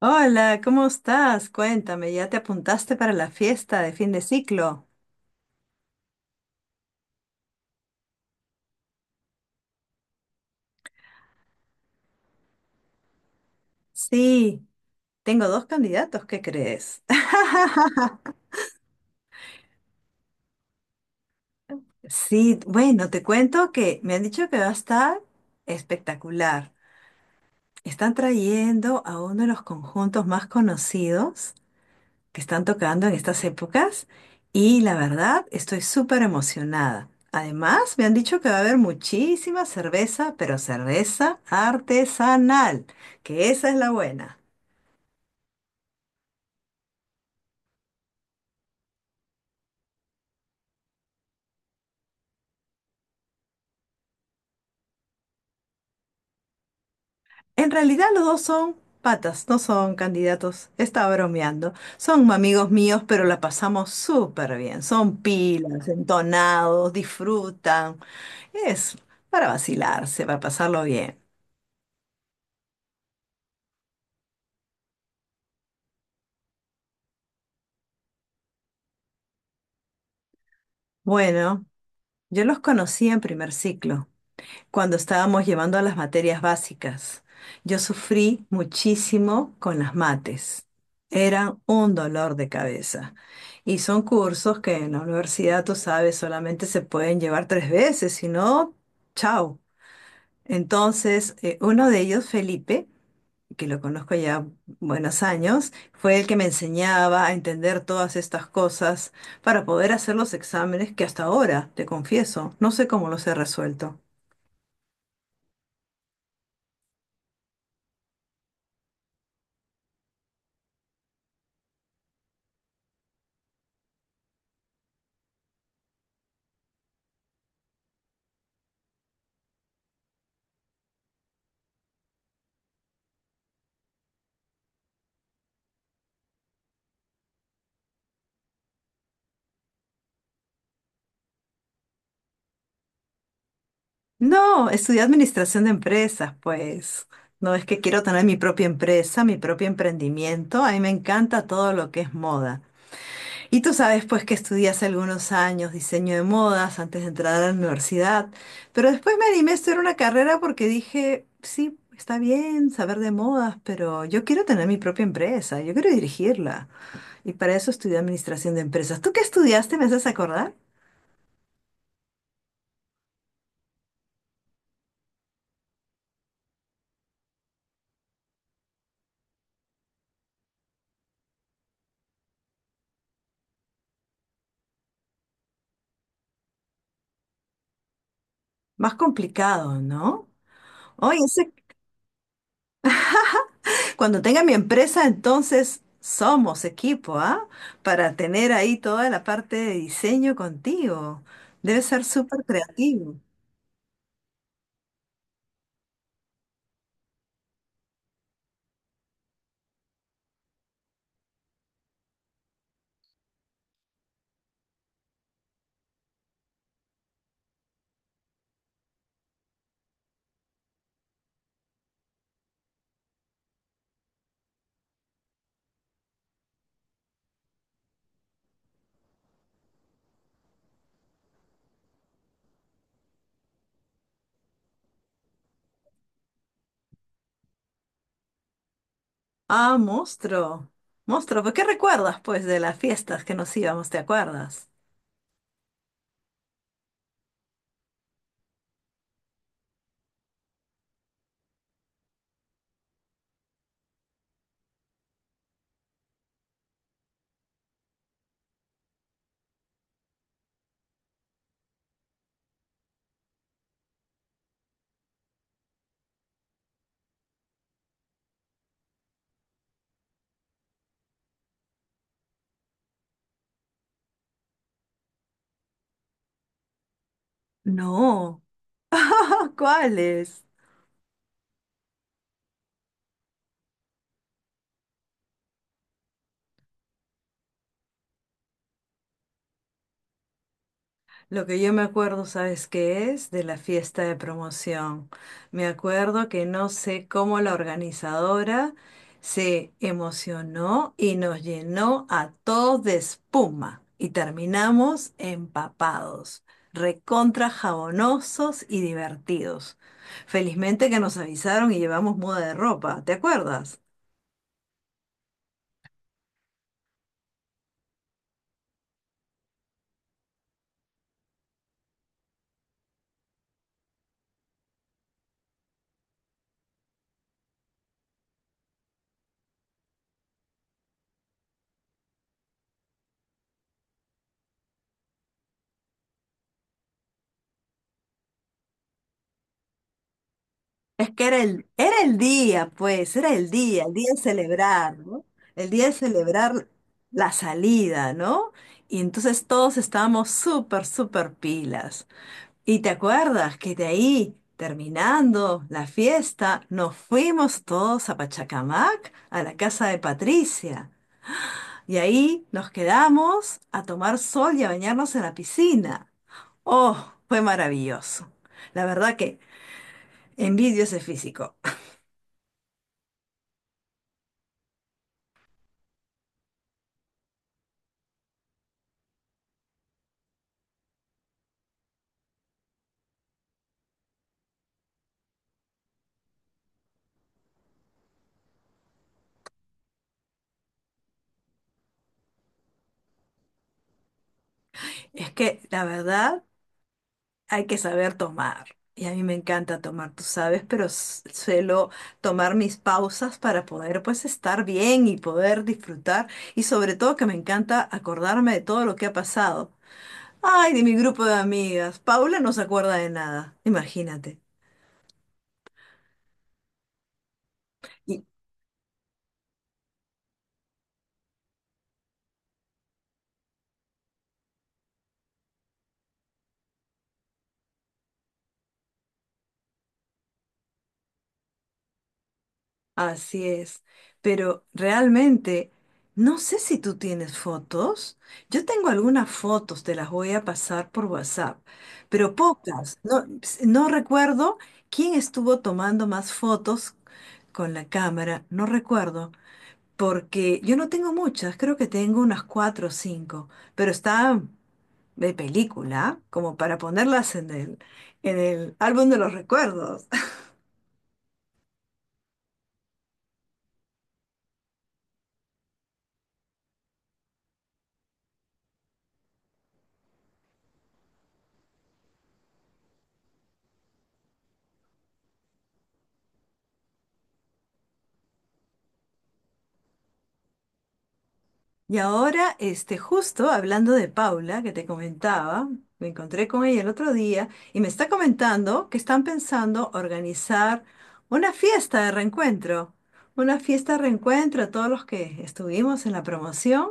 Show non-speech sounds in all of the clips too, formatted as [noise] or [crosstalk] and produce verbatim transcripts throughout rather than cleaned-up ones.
Hola, ¿cómo estás? Cuéntame, ¿ya te apuntaste para la fiesta de fin de ciclo? Sí, tengo dos candidatos, ¿qué crees? [laughs] Sí, bueno, te cuento que me han dicho que va a estar espectacular. Están trayendo a uno de los conjuntos más conocidos que están tocando en estas épocas y la verdad estoy súper emocionada. Además, me han dicho que va a haber muchísima cerveza, pero cerveza artesanal, que esa es la buena. En realidad los dos son patas, no son candidatos. Estaba bromeando. Son amigos míos, pero la pasamos súper bien. Son pilas, entonados, disfrutan. Es para vacilarse, para pasarlo bien. Bueno, yo los conocí en primer ciclo, cuando estábamos llevando a las materias básicas. Yo sufrí muchísimo con las mates. Eran un dolor de cabeza. Y son cursos que en la universidad, tú sabes, solamente se pueden llevar tres veces, si no, chao. Entonces, eh, uno de ellos, Felipe, que lo conozco ya buenos años, fue el que me enseñaba a entender todas estas cosas para poder hacer los exámenes que hasta ahora, te confieso, no sé cómo los he resuelto. No, estudié administración de empresas, pues. No es que quiero tener mi propia empresa, mi propio emprendimiento. A mí me encanta todo lo que es moda. Y tú sabes, pues, que estudié hace algunos años diseño de modas antes de entrar a la universidad. Pero después me animé a estudiar una carrera porque dije, sí, está bien saber de modas, pero yo quiero tener mi propia empresa, yo quiero dirigirla. Y para eso estudié administración de empresas. ¿Tú qué estudiaste? ¿Me haces acordar? Más complicado, ¿no? Oye, ese, cuando tenga mi empresa, entonces somos equipo, ¿ah? Para tener ahí toda la parte de diseño contigo. Debe ser súper creativo. Ah, monstruo. Monstruo, ¿pues qué recuerdas, pues, de las fiestas que nos íbamos? ¿Te acuerdas? No. [laughs] ¿Cuáles? Lo que yo me acuerdo, ¿sabes qué es? De la fiesta de promoción. Me acuerdo que no sé cómo la organizadora se emocionó y nos llenó a todos de espuma y terminamos empapados, recontra jabonosos y divertidos. Felizmente que nos avisaron y llevamos muda de ropa, ¿te acuerdas? Es que era el, era el día, pues, era el día, el día de celebrar, ¿no? El día de celebrar la salida, ¿no? Y entonces todos estábamos súper, súper pilas. Y te acuerdas que de ahí, terminando la fiesta, nos fuimos todos a Pachacamac, a la casa de Patricia. Y ahí nos quedamos a tomar sol y a bañarnos en la piscina. Oh, fue maravilloso. La verdad que envidio ese físico. Es que la verdad hay que saber tomar. Y a mí me encanta tomar, tú sabes, pero s- suelo tomar mis pausas para poder pues estar bien y poder disfrutar. Y sobre todo que me encanta acordarme de todo lo que ha pasado. Ay, de mi grupo de amigas. Paula no se acuerda de nada, imagínate. Así es, pero realmente no sé si tú tienes fotos. Yo tengo algunas fotos, te las voy a pasar por WhatsApp, pero pocas. No, ps- no recuerdo quién estuvo tomando más fotos con la cámara, no recuerdo, porque yo no tengo muchas, creo que tengo unas cuatro o cinco, pero están de película, como para ponerlas en el, en el álbum de los recuerdos. Y ahora, este, justo hablando de Paula, que te comentaba, me encontré con ella el otro día y me está comentando que están pensando organizar una fiesta de reencuentro, una fiesta de reencuentro a todos los que estuvimos en la promoción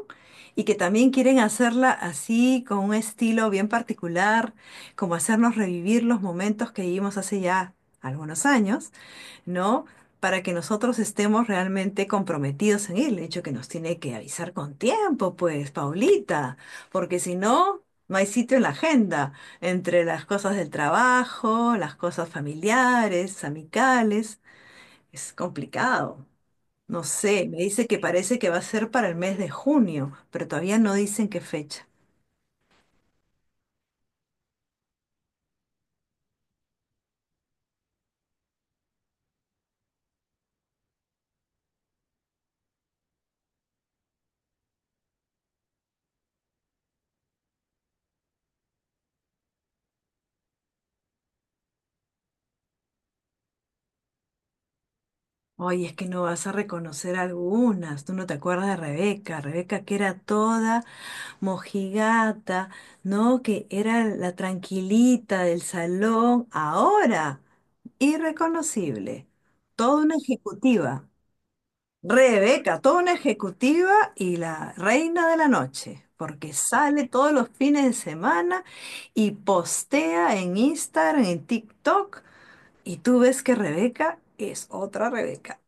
y que también quieren hacerla así, con un estilo bien particular, como hacernos revivir los momentos que vivimos hace ya algunos años, ¿no? Para que nosotros estemos realmente comprometidos en él. De hecho, que nos tiene que avisar con tiempo, pues, Paulita, porque si no, no hay sitio en la agenda entre las cosas del trabajo, las cosas familiares, amicales. Es complicado. No sé, me dice que parece que va a ser para el mes de junio, pero todavía no dicen qué fecha. Ay, es que no vas a reconocer algunas. Tú no te acuerdas de Rebeca. Rebeca que era toda mojigata, ¿no? Que era la tranquilita del salón. Ahora, irreconocible. Toda una ejecutiva. Rebeca, toda una ejecutiva y la reina de la noche. Porque sale todos los fines de semana y postea en Instagram, en TikTok. Y tú ves que Rebeca es otra Rebeca.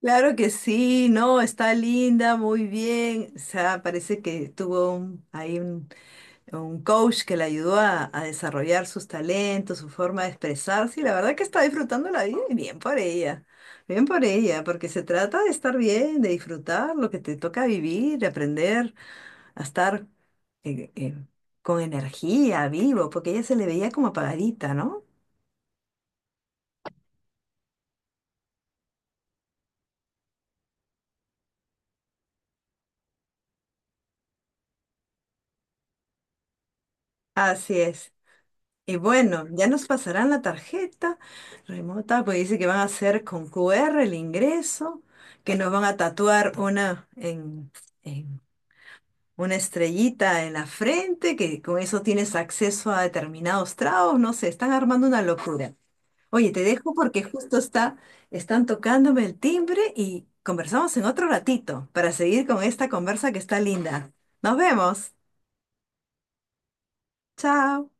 Claro que sí, no, está linda, muy bien. O sea, parece que tuvo un- ahí un, un coach que la ayudó a, a desarrollar sus talentos, su forma de expresarse, y la verdad que está disfrutando la vida y bien por ella, bien por ella, porque se trata de estar bien, de disfrutar lo que te toca vivir, de aprender a estar eh, eh, con energía, vivo, porque ella se le veía como apagadita, ¿no? Así es. Y bueno, ya nos pasarán la tarjeta remota, pues dice que van a hacer con Q R el ingreso, que nos van a tatuar una en, en una estrellita en la frente, que con eso tienes acceso a determinados tragos, no sé, están armando una locura. Oye, te dejo porque justo está, están tocándome el timbre y conversamos en otro ratito para seguir con esta conversa que está linda. Nos vemos. Chao.